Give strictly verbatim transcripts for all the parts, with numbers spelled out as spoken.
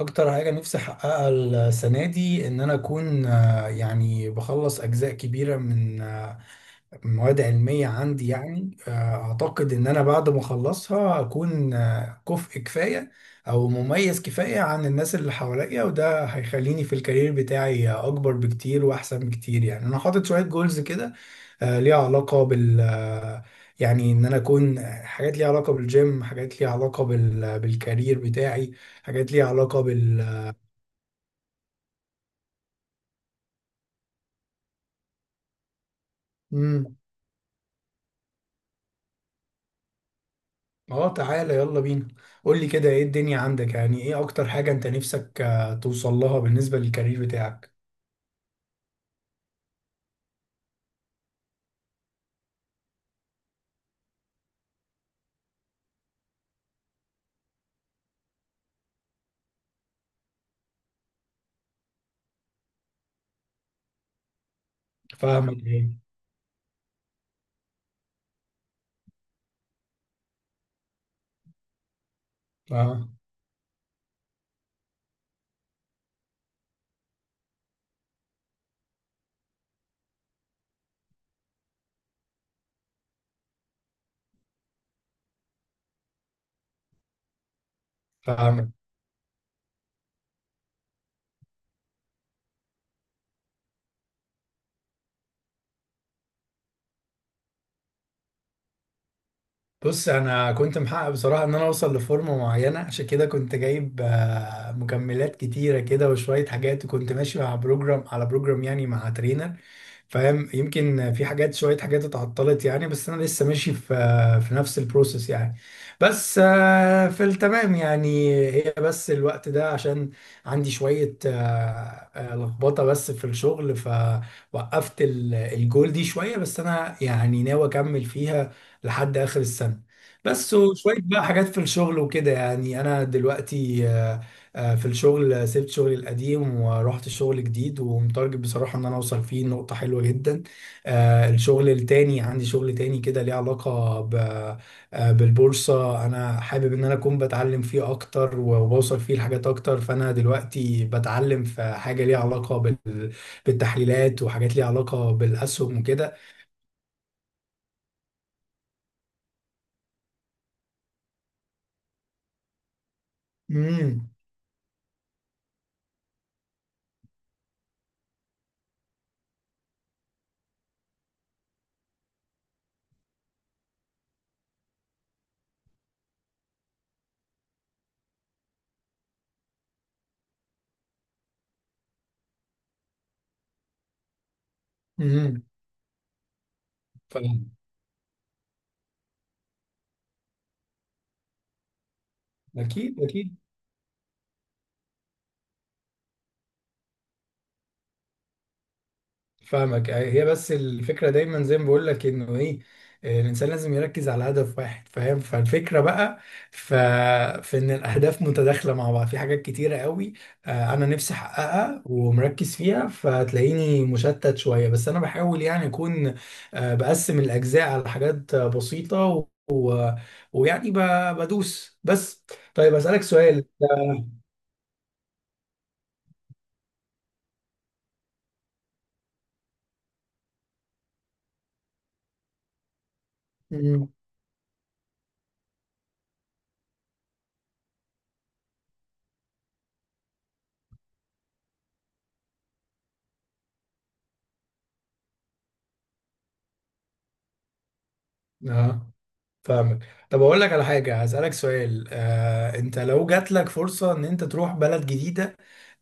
اكتر حاجه نفسي احققها السنه دي ان انا اكون آه، يعني بخلص اجزاء كبيره من آه، مواد علميه عندي يعني آه، اعتقد ان انا بعد ما اخلصها اكون آه، كفء كفايه او مميز كفايه عن الناس اللي حواليا، وده هيخليني في الكارير بتاعي اكبر بكتير واحسن بكتير. يعني انا حاطط شويه جولز كده آه، ليها علاقه بال آه، يعني ان انا اكون آه، حاجات ليها علاقه بالجيم، حاجات ليها علاقه بال... آه، بالكارير بتاعي، حاجات ليها علاقة بال. امم اه، تعالى يلا بينا. قول لي كده ايه الدنيا عندك، يعني ايه اكتر حاجة انت نفسك آه، توصل لها بالنسبة للكارير بتاعك؟ فاهمك ايه. اه، فاهمك. بص، انا كنت محقق بصراحة ان انا اوصل لفورمة معينة، عشان كده كنت جايب آه، مكملات كتيرة كده وشوية حاجات، وكنت ماشي مع بروجرام على بروجرام يعني مع ترينر، فاهم؟ يمكن في حاجات، شوية حاجات اتعطلت يعني، بس أنا لسه ماشي في في نفس البروسيس يعني. بس آه، في التمام يعني، هي بس الوقت ده عشان عندي شوية آه، آه، لخبطة بس في الشغل، فوقفت ال- الجول دي شوية، بس أنا يعني ناوي أكمل فيها لحد آخر السنة. بس وشوية بقى حاجات في الشغل وكده، يعني أنا دلوقتي آه، آه، في الشغل سبت شغلي القديم ورحت الشغل جديد، ومتارجت بصراحة ان انا اوصل فيه نقطة حلوة جدا. آه، الشغل التاني، عندي شغل تاني كده ليه علاقة ب- آه، بالبورصة. انا حابب ان انا اكون بتعلم فيه اكتر، وبوصل فيه لحاجات اكتر. فانا دلوقتي بتعلم في حاجة ليها علاقة بال- بالتحليلات، وحاجات ليها علاقة بالاسهم وكده. امم امم فاهم. اكيد اكيد. فاهمك، هي بس الفكرة دايما زي ما بقول لك انه ايه، آه، الانسان لازم يركز على هدف واحد فاهم. فالفكرة بقى ف... في ان الاهداف متداخلة مع بعض في حاجات كتيرة قوي آه، انا نفسي احققها ومركز فيها، فتلاقيني مشتت شوية. بس انا بحاول يعني اكون آه، بقسم الاجزاء على حاجات آه، بسيطة و... و... ويعني ب... بدوس بس. طيب اسألك سؤال. مم. آه، فاهمك. طب اقول لك على حاجه، هسالك سؤال. آه، انت لو جات لك فرصه ان انت تروح بلد جديده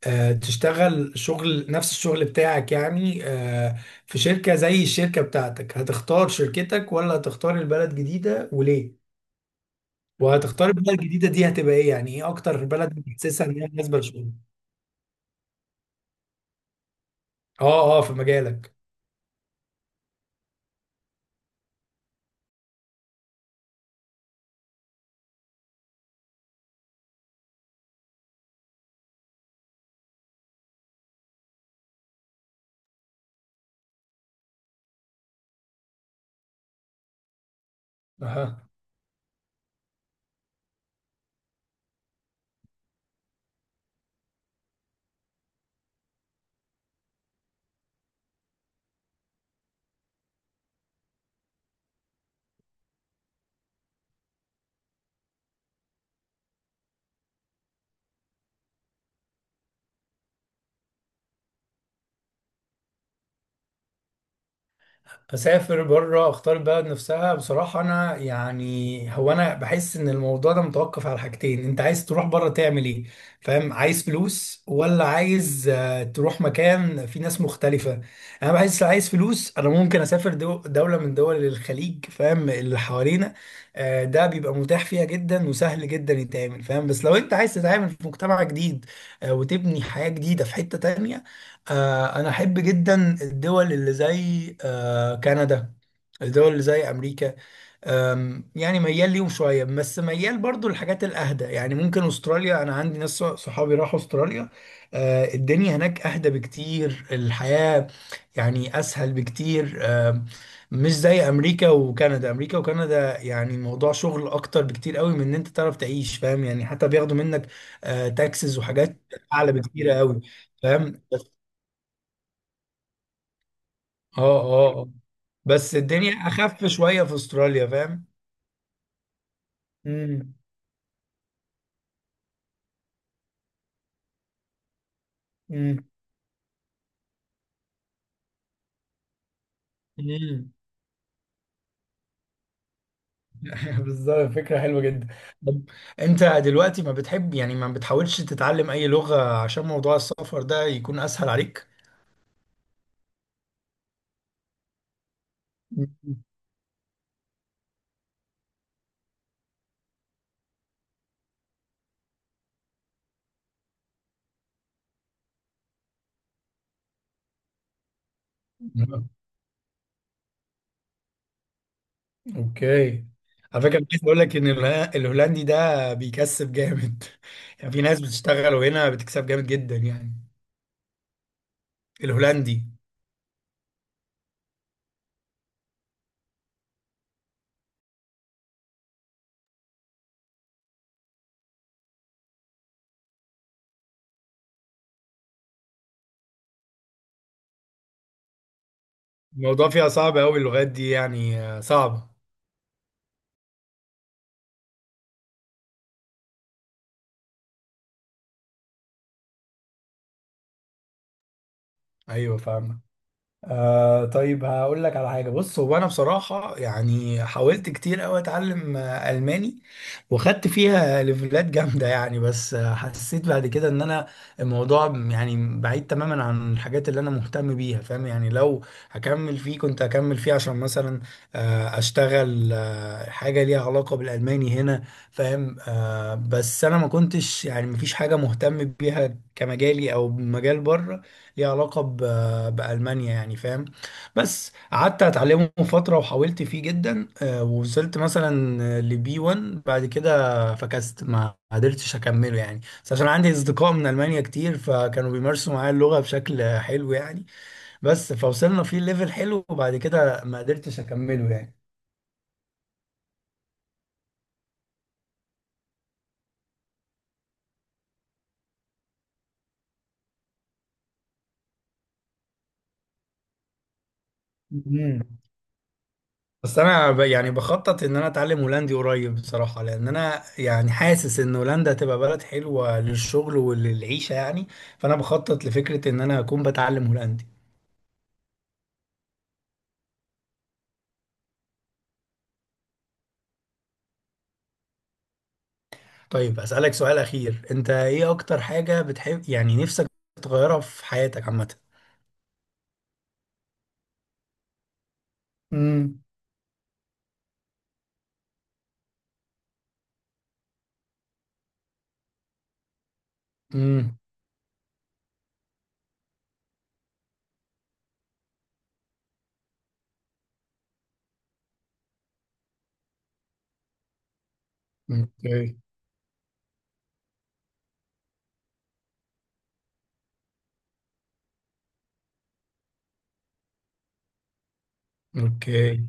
آه، تشتغل شغل نفس الشغل بتاعك يعني، آه، في شركه زي الشركه بتاعتك، هتختار شركتك ولا هتختار البلد جديده، وليه؟ وهتختار البلد الجديده دي هتبقى ايه؟ يعني ايه اكتر بلد بتحسسها ان هي مناسبه لشغلك؟ اه اه، في مجالك. اها. اسافر بره، اختار البلد نفسها بصراحه انا، يعني هو انا بحس ان الموضوع ده متوقف على حاجتين: انت عايز تروح بره تعمل ايه، فاهم؟ عايز فلوس ولا عايز آه، تروح مكان فيه ناس مختلفه. انا بحس لو عايز فلوس انا ممكن اسافر دو دوله من دول الخليج، فاهم؟ اللي حوالينا آه، ده بيبقى متاح فيها جدا وسهل جدا يتعمل، فاهم؟ بس لو انت عايز تتعامل في مجتمع جديد آه، وتبني حياه جديده في حته تانية، آه، أنا أحب جدا الدول اللي زي آه، كندا، الدول اللي زي أمريكا. آم، يعني ميال ليهم شوية، بس ميال برضو للحاجات الأهدى، يعني ممكن أستراليا. أنا عندي ناس صحابي راحوا أستراليا، آه، الدنيا هناك أهدى بكتير، الحياة يعني أسهل بكتير. آم، مش زي أمريكا وكندا. أمريكا وكندا يعني الموضوع شغل أكتر بكتير قوي من إن أنت تعرف تعيش، فاهم؟ يعني حتى بياخدوا منك تاكسز وحاجات أعلى بكتير قوي، فاهم؟ اه اه اه. بس الدنيا اخف شويه في استراليا، فاهم؟ امم امم امم بالظبط، فكره حلوه جدا. طب انت دلوقتي ما بتحب، يعني ما بتحاولش تتعلم اي لغه عشان موضوع السفر ده يكون اسهل عليك؟ مم. اوكي. على فكره، عايز اقول لك ان الهو- الهولندي ده بيكسب جامد. يعني في ناس بتشتغل وهنا بتكسب جامد جدا يعني. الهولندي. الموضوع فيها صعب قوي اللغات دي يعني، آه، صعبه. ايوه، فاهمك. آه طيب، هقول لك على حاجة. بص، هو أنا بصراحة يعني حاولت كتير أوي أتعلم آه، ألماني، وخدت فيها ليفلات جامدة يعني. بس آه، حسيت بعد كده إن أنا الموضوع يعني بعيد تماما عن الحاجات اللي أنا مهتم بيها، فاهم؟ يعني لو هكمل فيه كنت هكمل فيه عشان مثلا آه، أشتغل آه، حاجة ليها علاقة بالألماني هنا، فاهم؟ آه، بس أنا ما كنتش يعني، مفيش حاجة مهتم بيها كمجالي أو مجال بره ليها علاقة بألمانيا يعني، فاهم؟ بس قعدت أتعلمه فترة وحاولت فيه جدا، آه، ووصلت مثلا لبي واحد بعد كده، فكست ما قدرتش أكمله يعني. بس عشان عندي أصدقاء من ألمانيا كتير، فكانوا بيمارسوا معايا اللغة بشكل حلو يعني، بس فوصلنا فيه ليفل حلو وبعد كده ما قدرتش أكمله يعني. مم. بس انا ب- يعني بخطط ان انا اتعلم هولندي قريب بصراحه، لان انا يعني حاسس ان هولندا هتبقى بلد حلوه للشغل وللعيشه يعني، فانا بخطط لفكره ان انا اكون بتعلم هولندي. طيب اسالك سؤال اخير: انت ايه اكتر حاجه بتحب يعني نفسك تغيرها في حياتك عامه؟ امم امم اوكي. اوكي.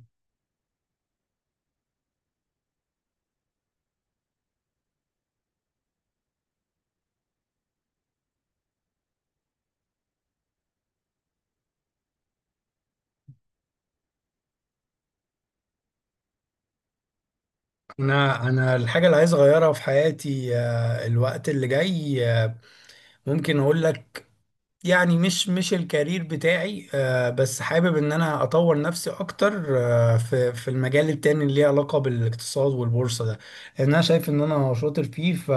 انا انا الحاجه اللي عايز اغيرها في حياتي آه، الوقت اللي جاي آه، ممكن اقول لك، يعني مش مش الكارير بتاعي. آه، بس حابب ان انا اطور نفسي اكتر آه، في في المجال التاني اللي ليه علاقة بالاقتصاد والبورصة ده، لان انا شايف ان انا شاطر فيه. ف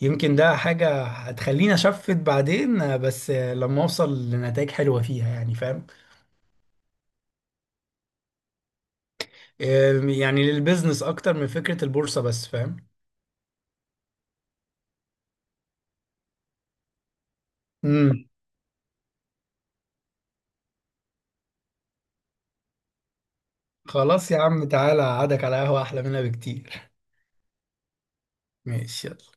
يمكن ده حاجة هتخليني أشفت بعدين. آه، بس آه، لما أوصل لنتائج حلوة فيها يعني، فاهم؟ آه، يعني للبيزنس أكتر من فكرة البورصة بس، فاهم؟ مم. خلاص يا عم، تعالى أقعدك على قهوة أحلى منها بكتير. ماشي، يلا.